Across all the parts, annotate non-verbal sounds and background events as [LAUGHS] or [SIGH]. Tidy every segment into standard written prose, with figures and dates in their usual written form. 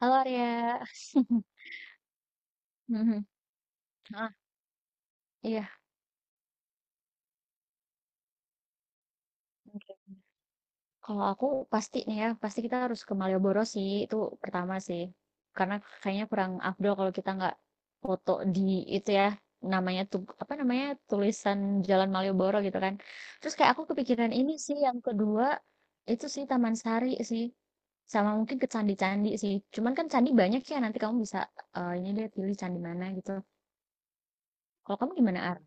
Halo Arya. [LAUGHS] Mhm, heeh. Iya, oke. Kalau aku pasti nih ya, pasti kita harus ke Malioboro sih, itu pertama sih. Karena kayaknya kurang afdol kalau kita nggak foto di itu ya, namanya tuh apa namanya tulisan Jalan Malioboro gitu kan. Terus kayak aku kepikiran ini sih yang kedua itu sih Taman Sari sih, sama mungkin ke candi-candi sih. Cuman kan candi banyak ya, nanti kamu bisa eh, ini deh pilih candi mana gitu. Kalau kamu gimana, Ar?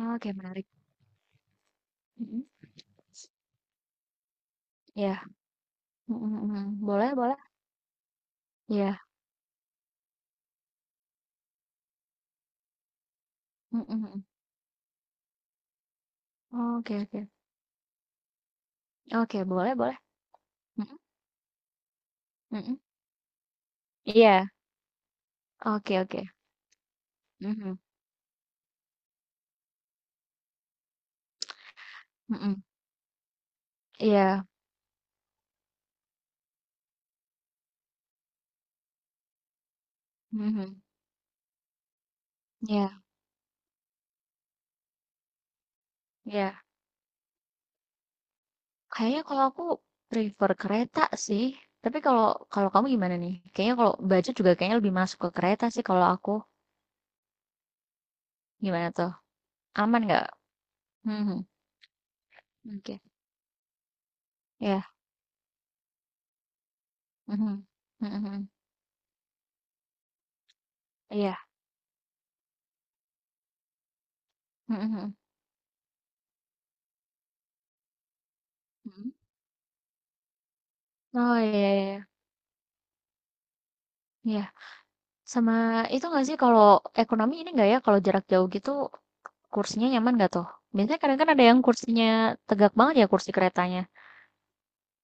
Oke, menarik. Mhm. Ya, mhm mhm. Boleh boleh. Iya. Mhm mhm. Oke oke. Oke, boleh boleh. Mhm mhm. Iya. Oke oke. Mhm mhm. Iya. Mhm. Iya iya. Kayaknya kalau aku prefer kereta sih, tapi kalau kalau kamu gimana nih? Kayaknya kalau baju juga kayaknya lebih masuk ke kereta sih kalau aku. Gimana tuh? Aman nggak? Mhm. Oke. Iya. Mhm. Mhm mhm. Iya. Mhm mhm. Mhm. Oh, iya iya. Iya. Sama itu nggak sih kalau ekonomi ini nggak ya kalau jarak jauh gitu kursinya nyaman nggak tuh? Biasanya kadang kan ada yang kursinya tegak banget ya kursi keretanya.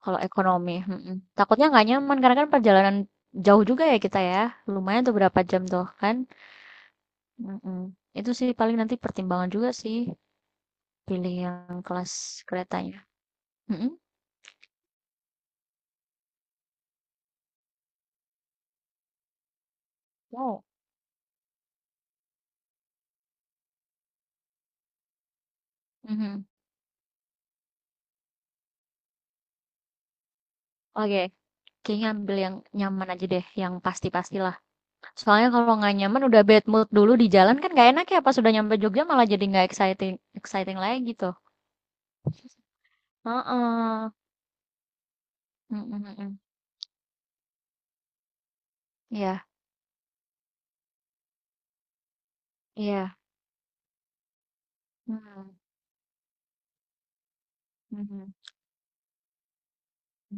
Kalau ekonomi, mm-mm. Takutnya nggak nyaman karena kan perjalanan jauh juga ya kita ya. Lumayan tuh berapa jam tuh kan? Mm-mm. Itu sih paling nanti pertimbangan juga sih pilih yang kelas keretanya. Mm-mm. Wow. Mhm. Oke, kayaknya ambil yang nyaman aja deh, yang pasti-pastilah. Soalnya kalau nggak nyaman udah bad mood dulu di jalan kan nggak enak ya pas udah nyampe Jogja malah jadi nggak exciting exciting lagi gitu. Heeh. Mm, mm, mm, mm. Iya, iya. Hmm. Mhm.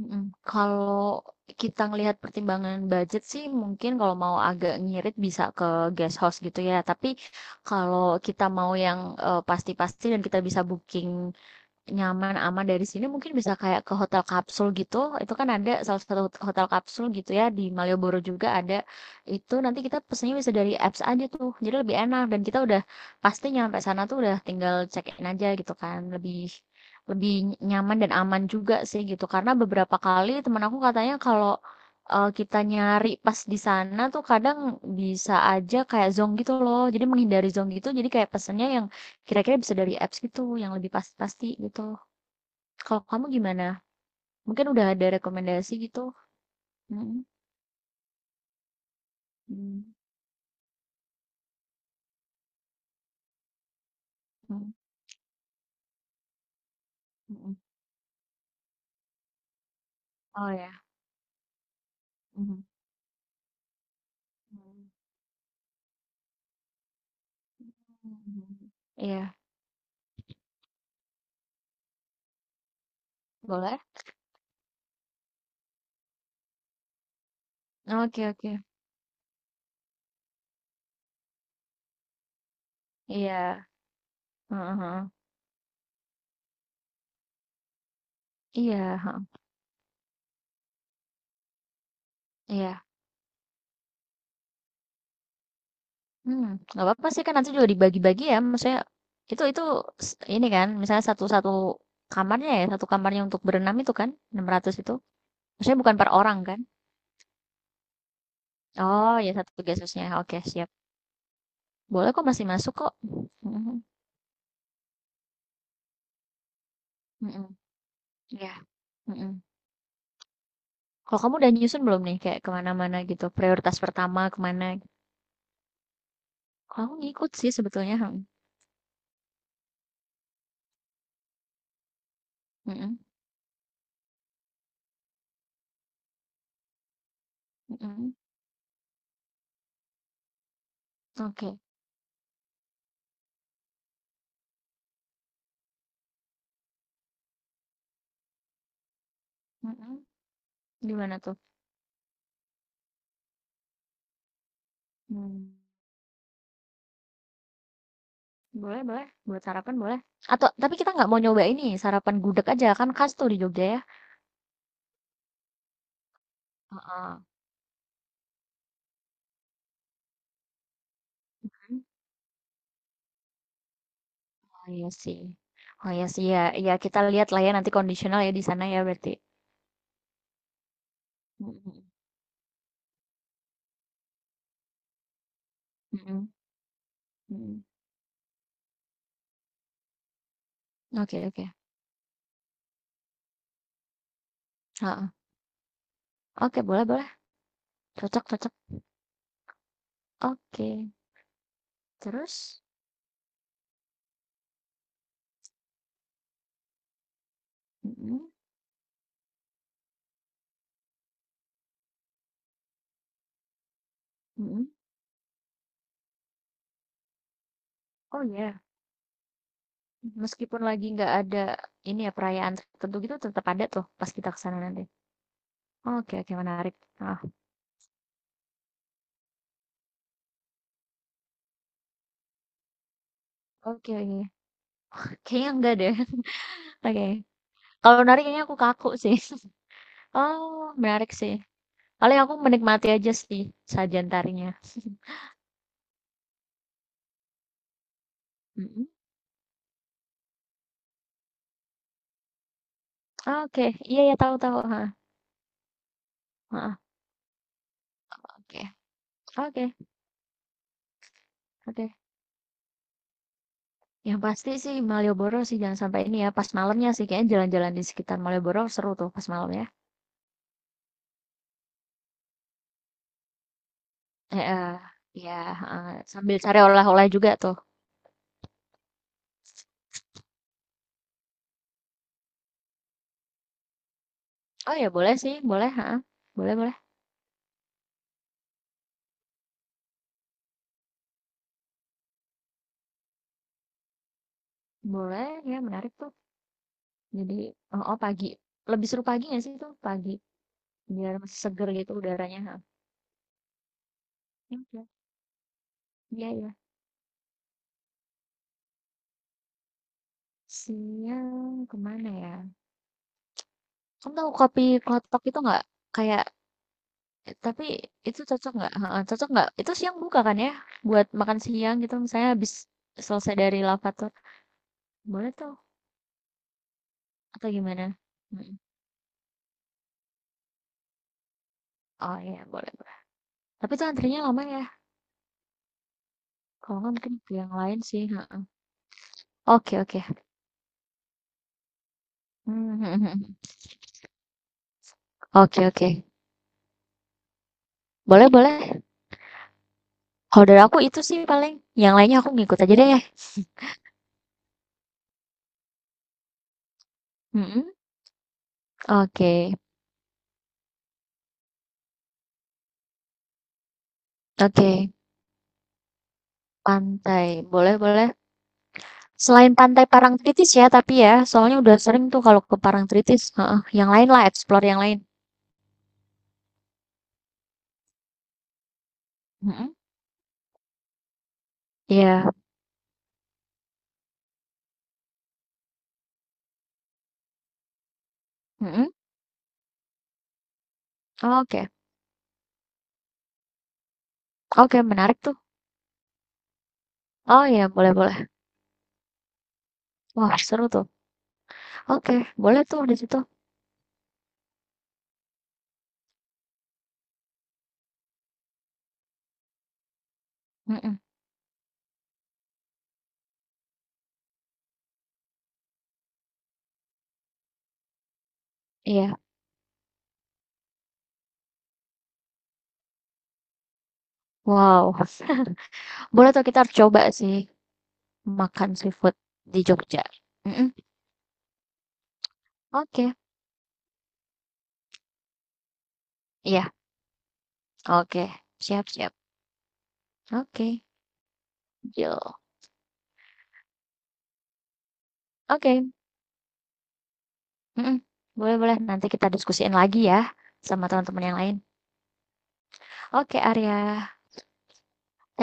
Mm. Kalau kita ngelihat pertimbangan budget sih mungkin kalau mau agak ngirit bisa ke guest house gitu ya. Tapi kalau kita mau yang eh, pasti-pasti dan kita bisa booking nyaman, aman, dari sini mungkin bisa kayak ke hotel kapsul gitu, itu kan ada salah satu hotel kapsul gitu ya, di Malioboro juga ada. Itu nanti kita pesennya bisa dari apps aja tuh, jadi lebih enak dan kita udah pasti nyampe sana tuh udah tinggal check in aja gitu kan, lebih lebih nyaman dan aman juga sih gitu. Karena beberapa kali teman aku katanya kalau eh, kita nyari pas di sana tuh kadang bisa aja kayak zonk gitu loh. Jadi menghindari zonk gitu, jadi kayak pesennya yang kira-kira bisa dari apps gitu yang lebih pasti-pasti gitu. Kalau kamu gimana? Mungkin udah ada rekomendasi gitu? Mhm, mmm, mhm, mhm. Oh ya, mhm, mmm, mhm. Iya, boleh? Oke oke, iya, heeh heeh, iya, heeh, iya, hmm, nggak apa-apa sih kan nanti juga dibagi-bagi ya, maksudnya itu s ini kan misalnya satu satu kamarnya ya, satu kamarnya untuk berenam itu kan, 600 itu? Maksudnya bukan per orang kan? Oh ya, satu guest, oke siap. Boleh kok, masih masuk kok. Mhm, mhm, iya, mhm. Kalau kamu udah nyusun belum nih kayak ke mana-mana gitu, prioritas pertama ke mana? Kalau aku ngikut sih sebetulnya, mhm, mhm, mhm, oke, mhm, gimana tuh? Mmm, boleh boleh, buat sarapan boleh. Atau tapi kita nggak mau nyoba ini, sarapan gudeg aja, kan khas tuh di Jogja ya. Heeh, kan? Oh iya sih. Oh iya sih, ya ya kita lihat lah ya nanti kondisional ya di sana ya berarti. Mhm mhm, mhm mhm, oke oke, heeh, oke boleh boleh. Cocok cocok. Oke, terus? Mhm mhm. Oh ya, meskipun lagi nggak ada ini ya, perayaan tertentu gitu tetap ada tuh pas kita kesana nanti? Oke oke menarik. Ah. Oke oke. Kayaknya enggak deh. [LAUGHS] Oke. Kalau nari kayaknya aku kaku sih. [LAUGHS] Oh, menarik sih. Paling aku menikmati aja sih sajian tarinya. Mhm. Oke, iya ya tahu tahu, ha. Heeh, oke. Oke oke. Yang pasti sih Malioboro sih jangan sampai ini ya, pas malamnya sih kayaknya jalan-jalan di sekitar Malioboro seru tuh pas malam ya. Eh eh, ya heeh. Sambil cari oleh-oleh juga tuh. Oh ya boleh sih, boleh, heeh. Boleh, boleh. Boleh, ya menarik tuh. Jadi, oh, oh, pagi. Lebih seru pagi nggak sih tuh? Pagi. Biar masih seger gitu udaranya, heeh. Iya, iya, iya. Siang kemana ya? Kamu tahu kopi klotok itu nggak? Kayak, tapi itu cocok nggak? Heeh, cocok nggak? Itu siang buka kan ya? Buat makan siang gitu misalnya habis selesai dari Lavator, boleh tuh atau gimana? Mhm. Oh iya boleh boleh. Tapi tuh antrinya lama ya? Kalau nggak mungkin ke yang lain sih, heeh. Oke oke. Mmm, [LAUGHS] oke oke. Boleh boleh. Kalau dari aku itu sih paling, yang lainnya aku ngikut aja deh. Mhm. Oke oke. Pantai, boleh boleh. Selain pantai Parangtritis ya, tapi ya, soalnya udah sering tuh kalau ke Parangtritis, heeh, yang lain lah, explore yang lain. Mhm, iya, mhm, oke. Oke, menarik tuh. Oh iya, boleh boleh. Wah, seru tuh. Oke, boleh tuh di situ. Mhm, iya. Wow, [LAUGHS] boleh tuh kita harus coba sih makan seafood di Jogja. Mhm, oke. Iya, oke. Siap siap. Oke, deal. Oke, mhm, boleh boleh, nanti kita diskusiin lagi ya sama teman-teman yang lain. Oke, Arya.